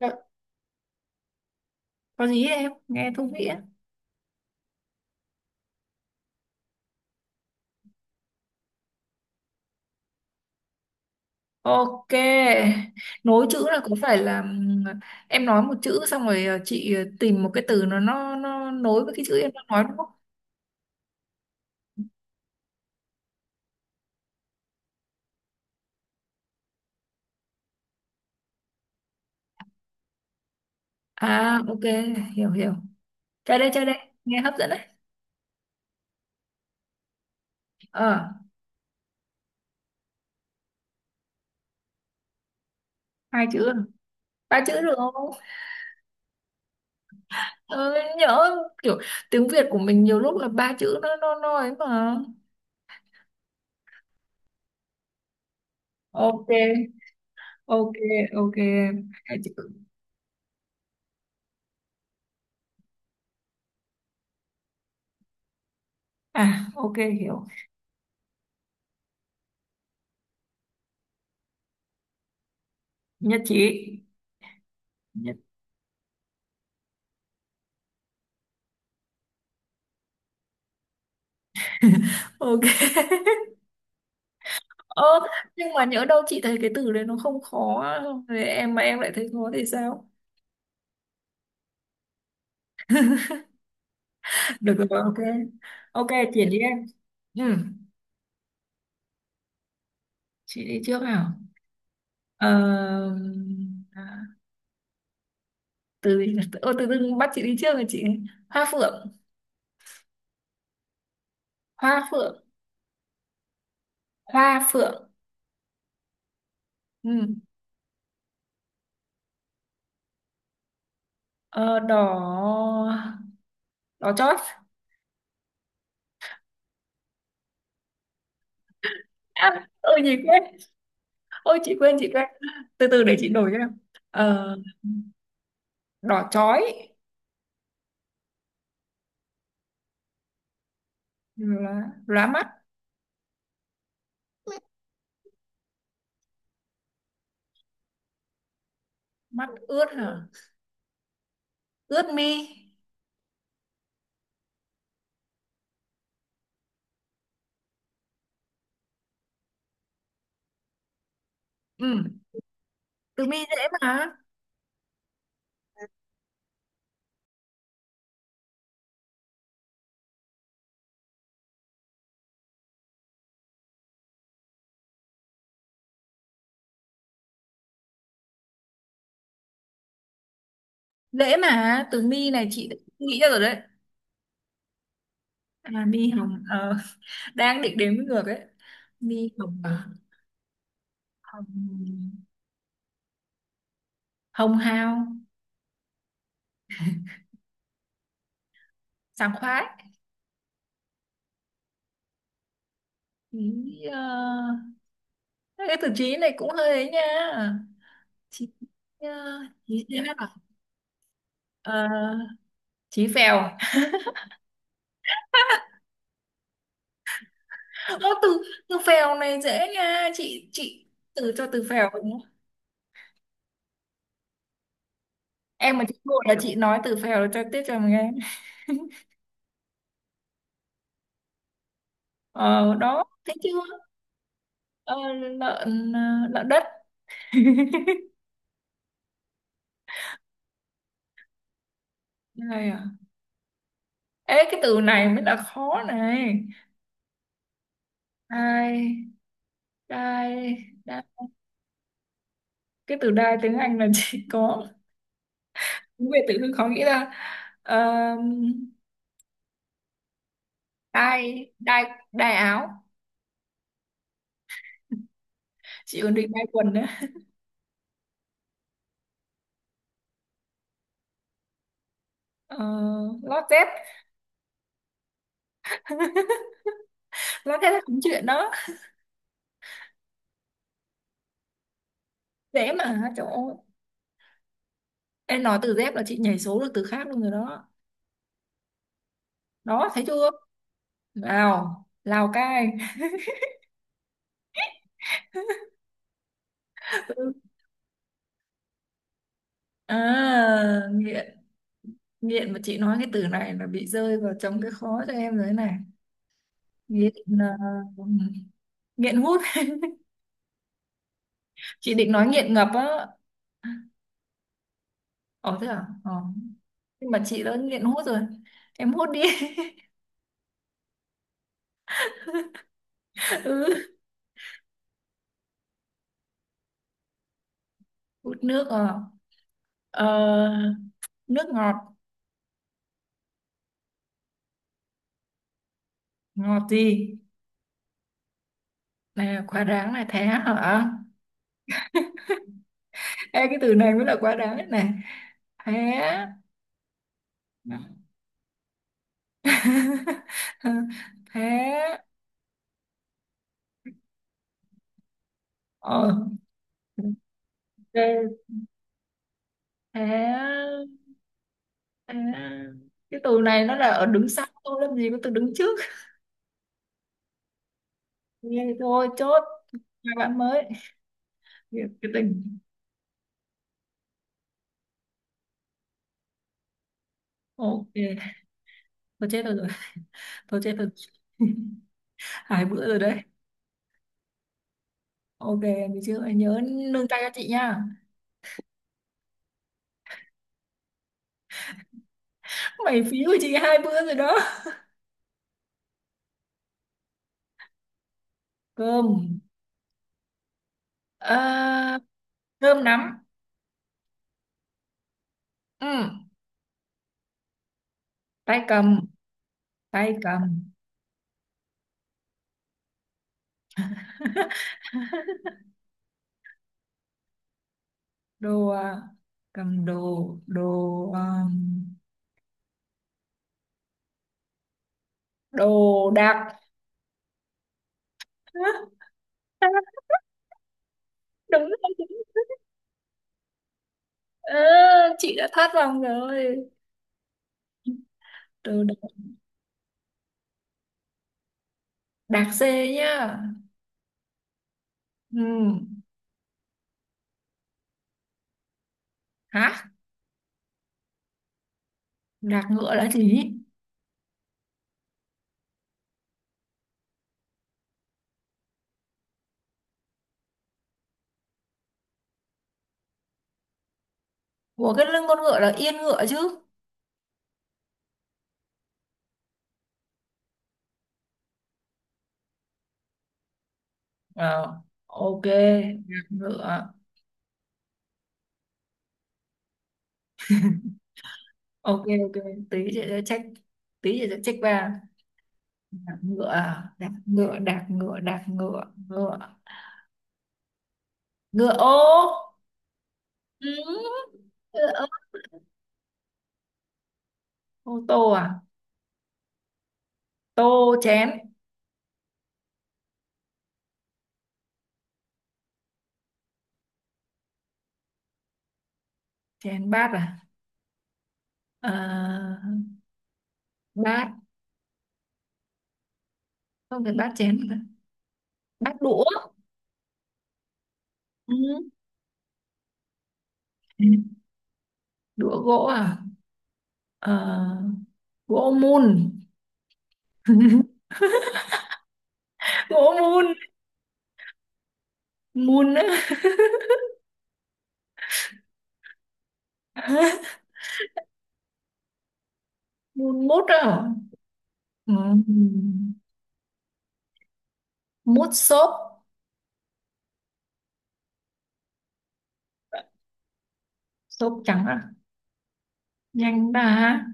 Dạ, có gì ấy, em nghe thú vị á. Ok, nối chữ là có phải là em nói một chữ xong rồi chị tìm một cái từ nó nối với cái chữ em đang nói đúng không? À ok, hiểu hiểu. Chơi đây, nghe hấp dẫn đấy. Ờ, hai chữ à? Ba chữ được không? Ờ, nhớ kiểu tiếng Việt của mình nhiều lúc là ba chữ nó ấy mà. Ok, ok, ok. Hai chữ. À ok, hiểu. Nhất trí. Nhất. Ok. Ơ, nhưng mà nhỡ đâu chị thấy cái từ đấy nó không khó, không thì em mà em lại thấy khó thì sao? Được rồi, ok. Ok, chuyển đi em. Ừ, chị đi trước nào. Ờ, à, từ gì nhỉ? Ô, tự dưng bắt chị đi trước rồi chị. Hoa phượng, hoa phượng, hoa phượng. Ừ. Ờ, đỏ, đỏ chót. Ôi chị quên, chị quên. Từ từ để chị đổi cho em. Ờ, đỏ chói, lá mắt, mắt ướt hả? Ướt mi. Ừ. Tường My dễ mà, dễ mà, Tường My này chị đã nghĩ ra rồi đấy. À My Hồng, đang định đếm ngược ấy. My Hồng. À, Hồng, Hồng Hào, sảng khoái. Ý, ờ, cái từ chí này cũng hơi ấy nha. Chí, ờ, chí thế nào. Ờ, chí phèo. Ô từ, từ phèo này dễ nha chị, từ cho từ phèo cũng, em mà chị ngồi là chị nói từ phèo cho tiếp cho mình nghe. Ờ đó, thấy chưa. Ờ, lợn đất. Đây à, ê cái từ này mới là khó này. Đai đai đai, cái từ đai tiếng Anh là chỉ có, tiếng Việt tự dưng khó nghĩ ra. Um, đai đai Đai áo, chị còn định đai quần nữa. Ờ, lót dép. Lót dép là cũng chuyện đó. Dễ mà trời ơi, em nói từ dép là chị nhảy số được từ khác luôn rồi đó. Đó thấy chưa. Lào, Lào Cai. à, nghĩa, nghiện mà chị nói cái từ này là bị rơi vào trong cái khó cho em rồi đấy này. Nghiện là nghiện hút, chị định nói nghiện ngập á. Ờ thế à. Ờ. Nhưng mà chị đã nghiện hút rồi, em hút đi. Ừ. Hút nước à, ờ, nước ngọt. Ngọt gì, nè quá đáng này, thế hả. Ê, cái từ này mới là quá đáng đấy này. Thế thế ờ thế Thế. À, cái tù này nó là ở đứng sau, tôi làm gì có tôi đứng trước. Nghe thôi chốt, hai bạn mới. Thiệt cái tình. Ok, tôi chết tôi rồi, tôi chết tôi rồi. Hai bữa rồi đấy. Ok, mình chưa hãy nhớ nương tay cho chị nha. Mày phí của chị hai bữa rồi đó. cơm à, cơm nắm. Ừ. tay cầm tay cầm đồ à, cầm đồ, đồ à, đồ đạc. Hả? Đúng rồi, đúng. Ờ, chị đã thoát vòng rồi. từ đ- Đạc dê nhá. Ừ. Hả, đạc ngựa là gì, của cái lưng con ngựa là yên ngựa chứ. Ờ, ok, đạc ngựa. Ok, ok, tí chị sẽ check, tí chị sẽ check ba. Đạc ngựa à? Đạc ngựa đạc ngựa đạc ngựa Ngựa, ngựa ô. Ừ. Ngựa ô. Ô tô à, tô chén, chén bát à. Ờ, bát, không phải bát chén, bát đũa. Ừ. Đũa gỗ à. Ờ, gỗ mun gỗ mun Mun á Mun mút á. Ừ. Mút xốp. Xốp trắng á, nhanh đã,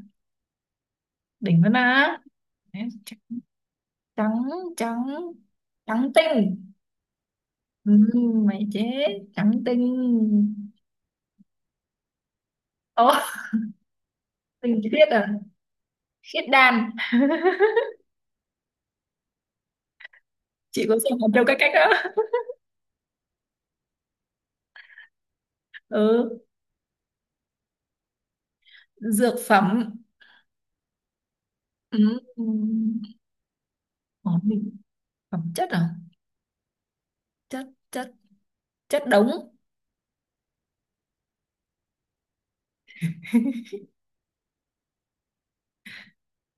đỉnh vẫn đã. Đấy, trắng trắng trắng tinh. Ừ, mày chế. Trắng tinh. Ồ, tinh khiết à, khiết đan. Chị có xem hạt châu cách cách đó. Ừ, dược phẩm. ừ. ừ. Ồ, mình- Phẩm chất à, chất chất chất đống.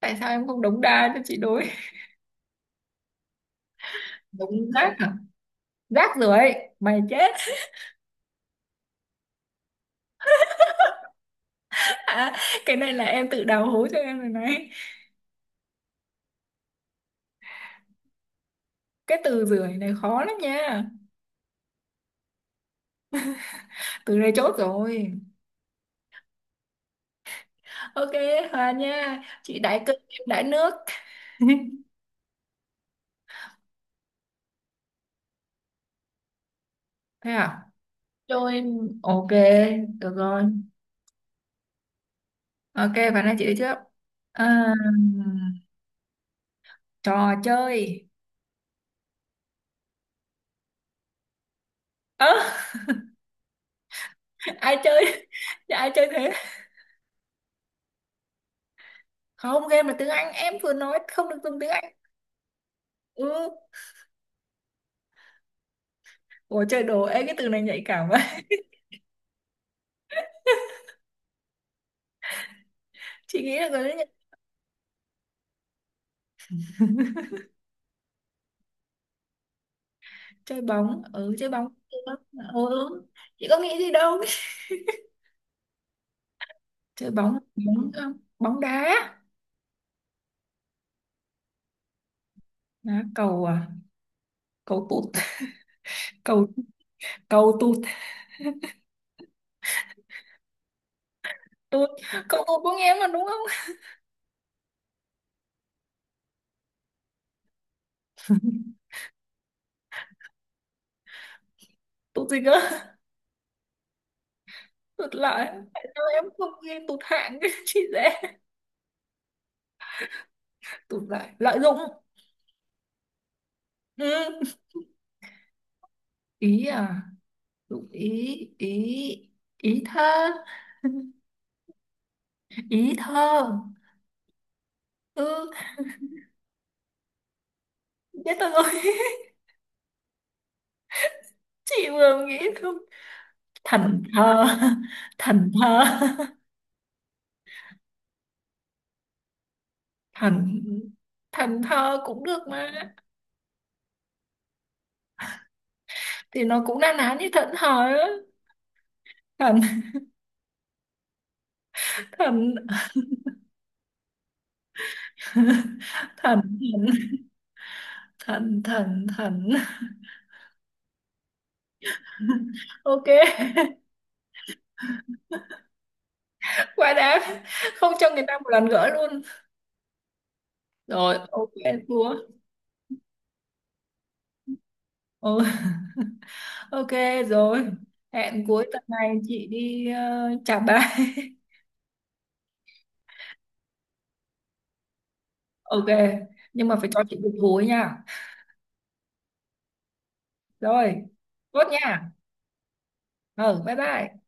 Tại sao em không đống đa cho chị đối. Đống rác à? Rác rưởi, mày chết. Cái này là em tự đào hố cho em rồi này. Cái từ rưởi này khó lắm nha. Từ này chốt rồi. Ok, hòa nha, chị đãi cơm em đãi nước. Thế à. Trôi, ok, được rồi. Ok, và nói chị đi trước. à, trò chơi. Ơ ai chơi. Dạ, ai chơi thế. Không, game là tiếng Anh, em vừa nói không được dùng tiếng Anh. Ừ. Ủa chơi đồ, ê cái từ này nhạy cảm quá. Chị nghĩ là có. Chơi bóng, ừ chơi bóng, ừ. Chị có nghĩ gì đâu. Chơi bóng. bóng ờ, Bóng đá. Đá cầu à, cầu tụt. Cầu, cầu tụt. Tụt, cầu tụt của nghe mà đúng không. Tụt gì cơ. Tụt lại, tại sao em không nghe tụt hạng. Chị dễ, tụt lại, lợi dụng. Ừ. Ý à, dụng ý, ý, ý thơ. Ý thơ. Ừ. Chết tôi rồi. Chị vừa nghĩ không, thần thơ. Thần thơ. Thần Thần thơ cũng được mà. Thì nó cũng na ná như thần thơ. Á. thần thần thần thần thần thần Ok. Quá đáng, không cho người ta một lần gỡ luôn. Rồi ok, thua. Ừ. Ok, rồi, hẹn cuối tuần này chị đi. Trà Ba. Ok, nhưng mà phải cho chị được hối nha. Rồi, tốt nha. Ừ, bye bye.